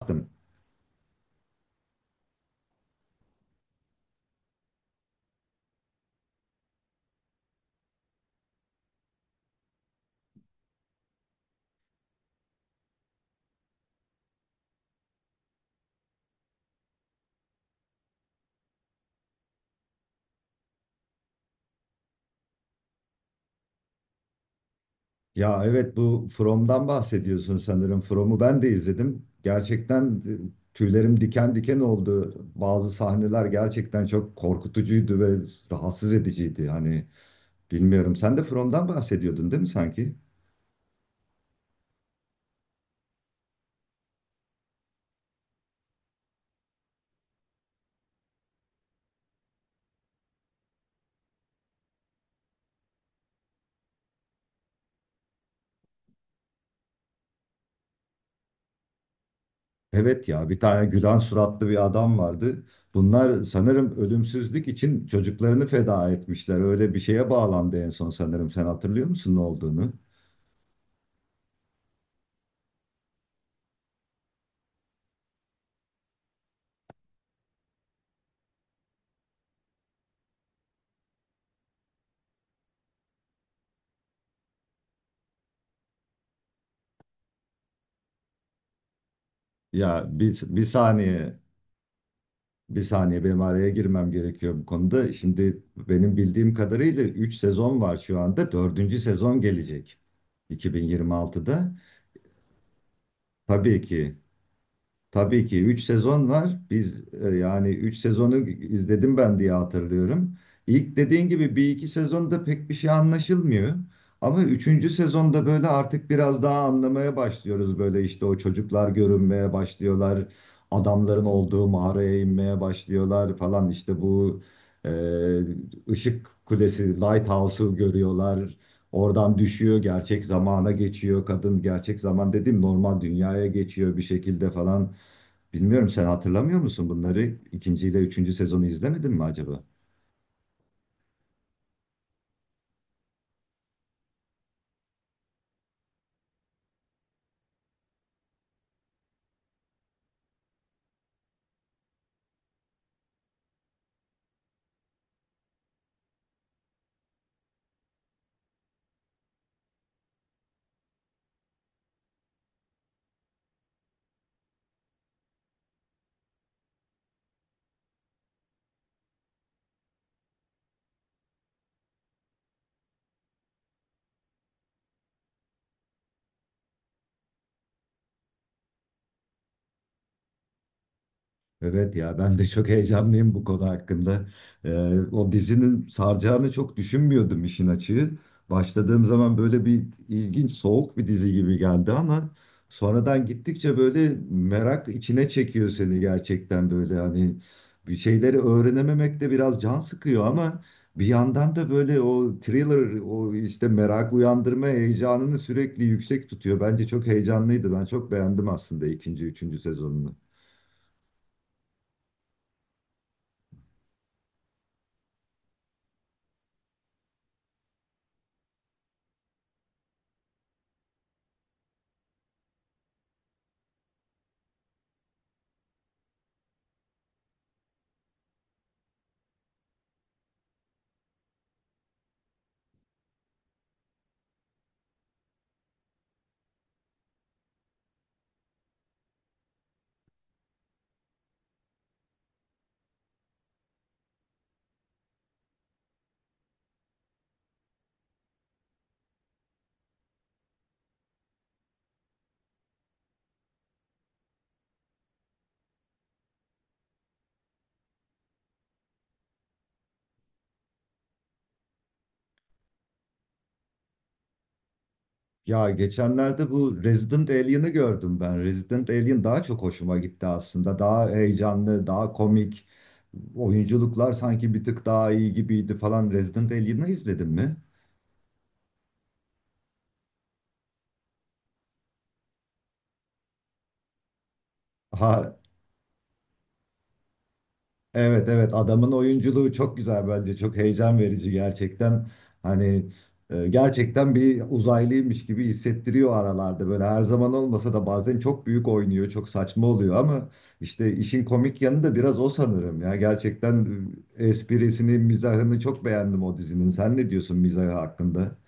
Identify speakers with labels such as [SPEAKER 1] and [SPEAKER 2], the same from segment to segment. [SPEAKER 1] Bastım. Evet, bu From'dan bahsediyorsun sanırım. From'u ben de izledim. Gerçekten tüylerim diken diken oldu. Bazı sahneler gerçekten çok korkutucuydu ve rahatsız ediciydi. Hani bilmiyorum. Sen de From'dan bahsediyordun değil mi sanki? Evet ya, bir tane gülen suratlı bir adam vardı. Bunlar sanırım ölümsüzlük için çocuklarını feda etmişler. Öyle bir şeye bağlandı en son sanırım. Sen hatırlıyor musun ne olduğunu? Ya bir saniye. Bir saniye, benim araya girmem gerekiyor bu konuda. Şimdi benim bildiğim kadarıyla 3 sezon var şu anda. 4. sezon gelecek 2026'da. Tabii ki Tabii ki 3 sezon var. Biz yani 3 sezonu izledim ben diye hatırlıyorum. İlk dediğin gibi bir iki sezonda pek bir şey anlaşılmıyor. Ama üçüncü sezonda böyle artık biraz daha anlamaya başlıyoruz. Böyle işte o çocuklar görünmeye başlıyorlar. Adamların olduğu mağaraya inmeye başlıyorlar falan. İşte bu e, ışık kulesi, lighthouse'u görüyorlar. Oradan düşüyor, gerçek zamana geçiyor. Kadın, gerçek zaman dediğim, normal dünyaya geçiyor bir şekilde falan. Bilmiyorum, sen hatırlamıyor musun bunları? İkinci ile üçüncü sezonu izlemedin mi acaba? Evet ya, ben de çok heyecanlıyım bu konu hakkında. Ee, O dizinin saracağını çok düşünmüyordum, işin açığı. Başladığım zaman böyle bir ilginç, soğuk bir dizi gibi geldi ama sonradan gittikçe böyle merak içine çekiyor seni gerçekten. Böyle hani bir şeyleri öğrenememek de biraz can sıkıyor ama bir yandan da böyle o thriller, o işte merak uyandırma heyecanını sürekli yüksek tutuyor. Bence çok heyecanlıydı. Ben çok beğendim aslında ikinci, üçüncü sezonunu. Ya geçenlerde bu Resident Alien'ı gördüm ben. Resident Alien daha çok hoşuma gitti aslında. Daha heyecanlı, daha komik. Oyunculuklar sanki bir tık daha iyi gibiydi falan. Resident Alien'ı izledin mi? Ha, Evet, evet, adamın oyunculuğu çok güzel. Bence çok heyecan verici gerçekten. Hani gerçekten bir uzaylıymış gibi hissettiriyor aralarda. Böyle her zaman olmasa da bazen çok büyük oynuyor, çok saçma oluyor ama işte işin komik yanı da biraz o sanırım ya. Gerçekten esprisini, mizahını çok beğendim o dizinin. Sen ne diyorsun mizahı hakkında?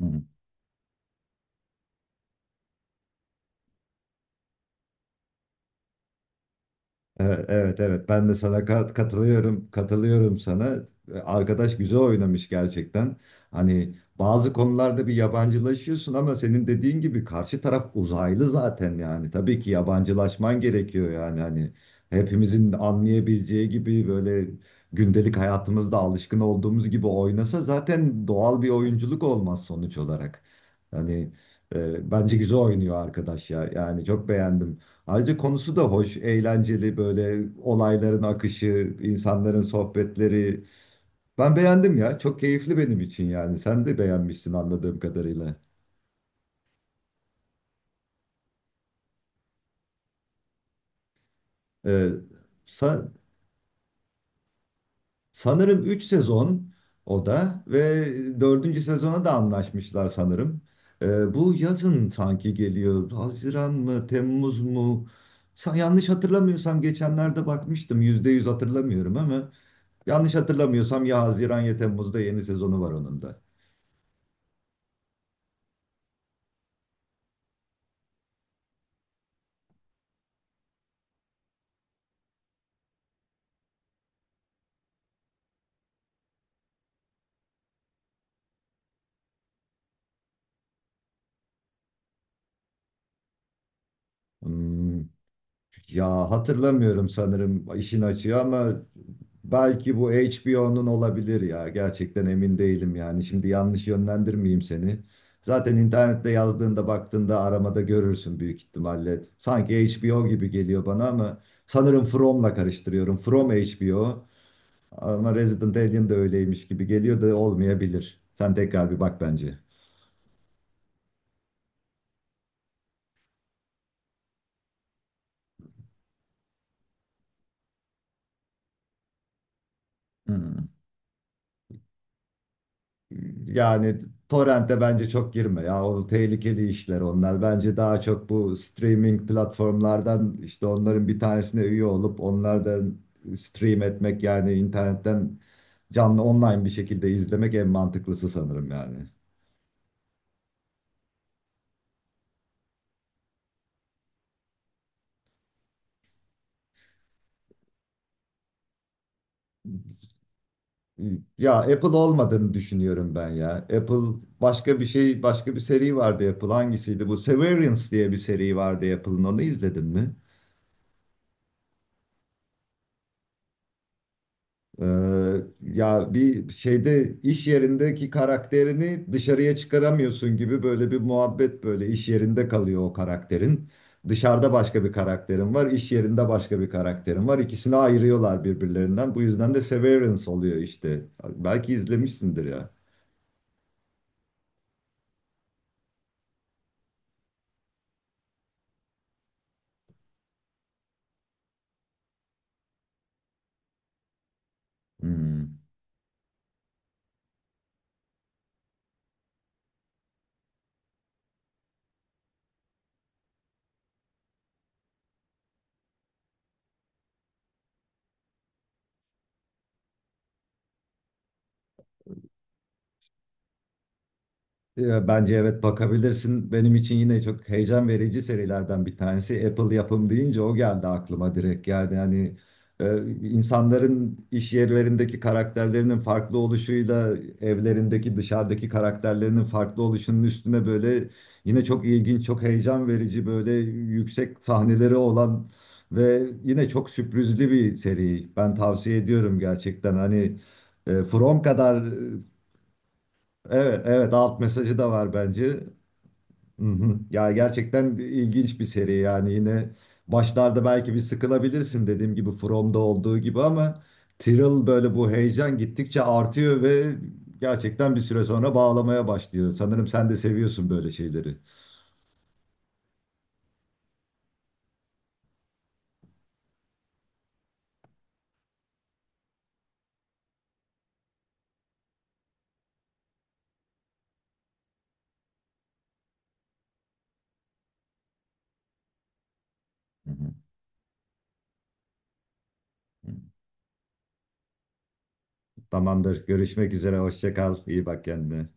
[SPEAKER 1] Hı. Evet, evet, evet. Ben de sana katılıyorum, sana. Arkadaş güzel oynamış gerçekten. Hani bazı konularda bir yabancılaşıyorsun ama senin dediğin gibi karşı taraf uzaylı zaten yani. Tabii ki yabancılaşman gerekiyor yani. Hani hepimizin anlayabileceği gibi, böyle gündelik hayatımızda alışkın olduğumuz gibi oynasa zaten doğal bir oyunculuk olmaz sonuç olarak. Hani bence güzel oynuyor arkadaş ya. Yani çok beğendim. Ayrıca konusu da hoş, eğlenceli; böyle olayların akışı, insanların sohbetleri. Ben beğendim ya. Çok keyifli benim için yani. Sen de beğenmişsin anladığım kadarıyla. Ee, sa- Sanırım 3 sezon o da, ve dördüncü sezona da anlaşmışlar sanırım. Bu yazın sanki geliyor. Haziran mı, Temmuz mu? Yanlış hatırlamıyorsam geçenlerde bakmıştım. Yüzde yüz hatırlamıyorum ama yanlış hatırlamıyorsam ya Haziran ya Temmuz'da yeni sezonu var onun da. Hmm, ya hatırlamıyorum sanırım, işin açığı, ama belki bu HBO'nun olabilir ya. Gerçekten emin değilim yani. Şimdi yanlış yönlendirmeyeyim seni. Zaten internette yazdığında, baktığında aramada görürsün büyük ihtimalle. Sanki HBO gibi geliyor bana ama sanırım From'la karıştırıyorum. From HBO ama Resident Alien de öyleymiş gibi geliyor, da olmayabilir. Sen tekrar bir bak bence. Hmm. Yani torrente bence çok girme ya, o tehlikeli işler onlar. Bence daha çok bu streaming platformlardan, işte onların bir tanesine üye olup onlardan stream etmek, yani internetten canlı online bir şekilde izlemek en mantıklısı sanırım yani. Ya Apple olmadığını düşünüyorum ben ya. Apple başka bir şey, başka bir seri vardı Apple. Hangisiydi bu? Severance diye bir seri vardı Apple'ın, onu izledin mi? Ee, ya bir şeyde iş yerindeki karakterini dışarıya çıkaramıyorsun gibi böyle bir muhabbet. Böyle iş yerinde kalıyor o karakterin. Dışarıda başka bir karakterin var, iş yerinde başka bir karakterin var. İkisini ayırıyorlar birbirlerinden. Bu yüzden de Severance oluyor işte. Belki izlemişsindir ya. Hmm. Bence evet, bakabilirsin. Benim için yine çok heyecan verici serilerden bir tanesi. Apple yapım deyince o geldi aklıma direkt. Yani hani e, insanların iş yerlerindeki karakterlerinin farklı oluşuyla evlerindeki, dışarıdaki karakterlerinin farklı oluşunun üstüne böyle yine çok ilginç, çok heyecan verici, böyle yüksek sahneleri olan ve yine çok sürprizli bir seri. Ben tavsiye ediyorum gerçekten. Hani From kadar. Evet, evet, alt mesajı da var bence. Hı hı. Ya gerçekten ilginç bir seri yani. Yine başlarda belki bir sıkılabilirsin dediğim gibi, From'da olduğu gibi, ama Tyrell böyle bu heyecan gittikçe artıyor ve gerçekten bir süre sonra bağlamaya başlıyor. Sanırım sen de seviyorsun böyle şeyleri. Hı hı. Tamamdır. Görüşmek üzere. Hoşça kal. İyi bak kendine.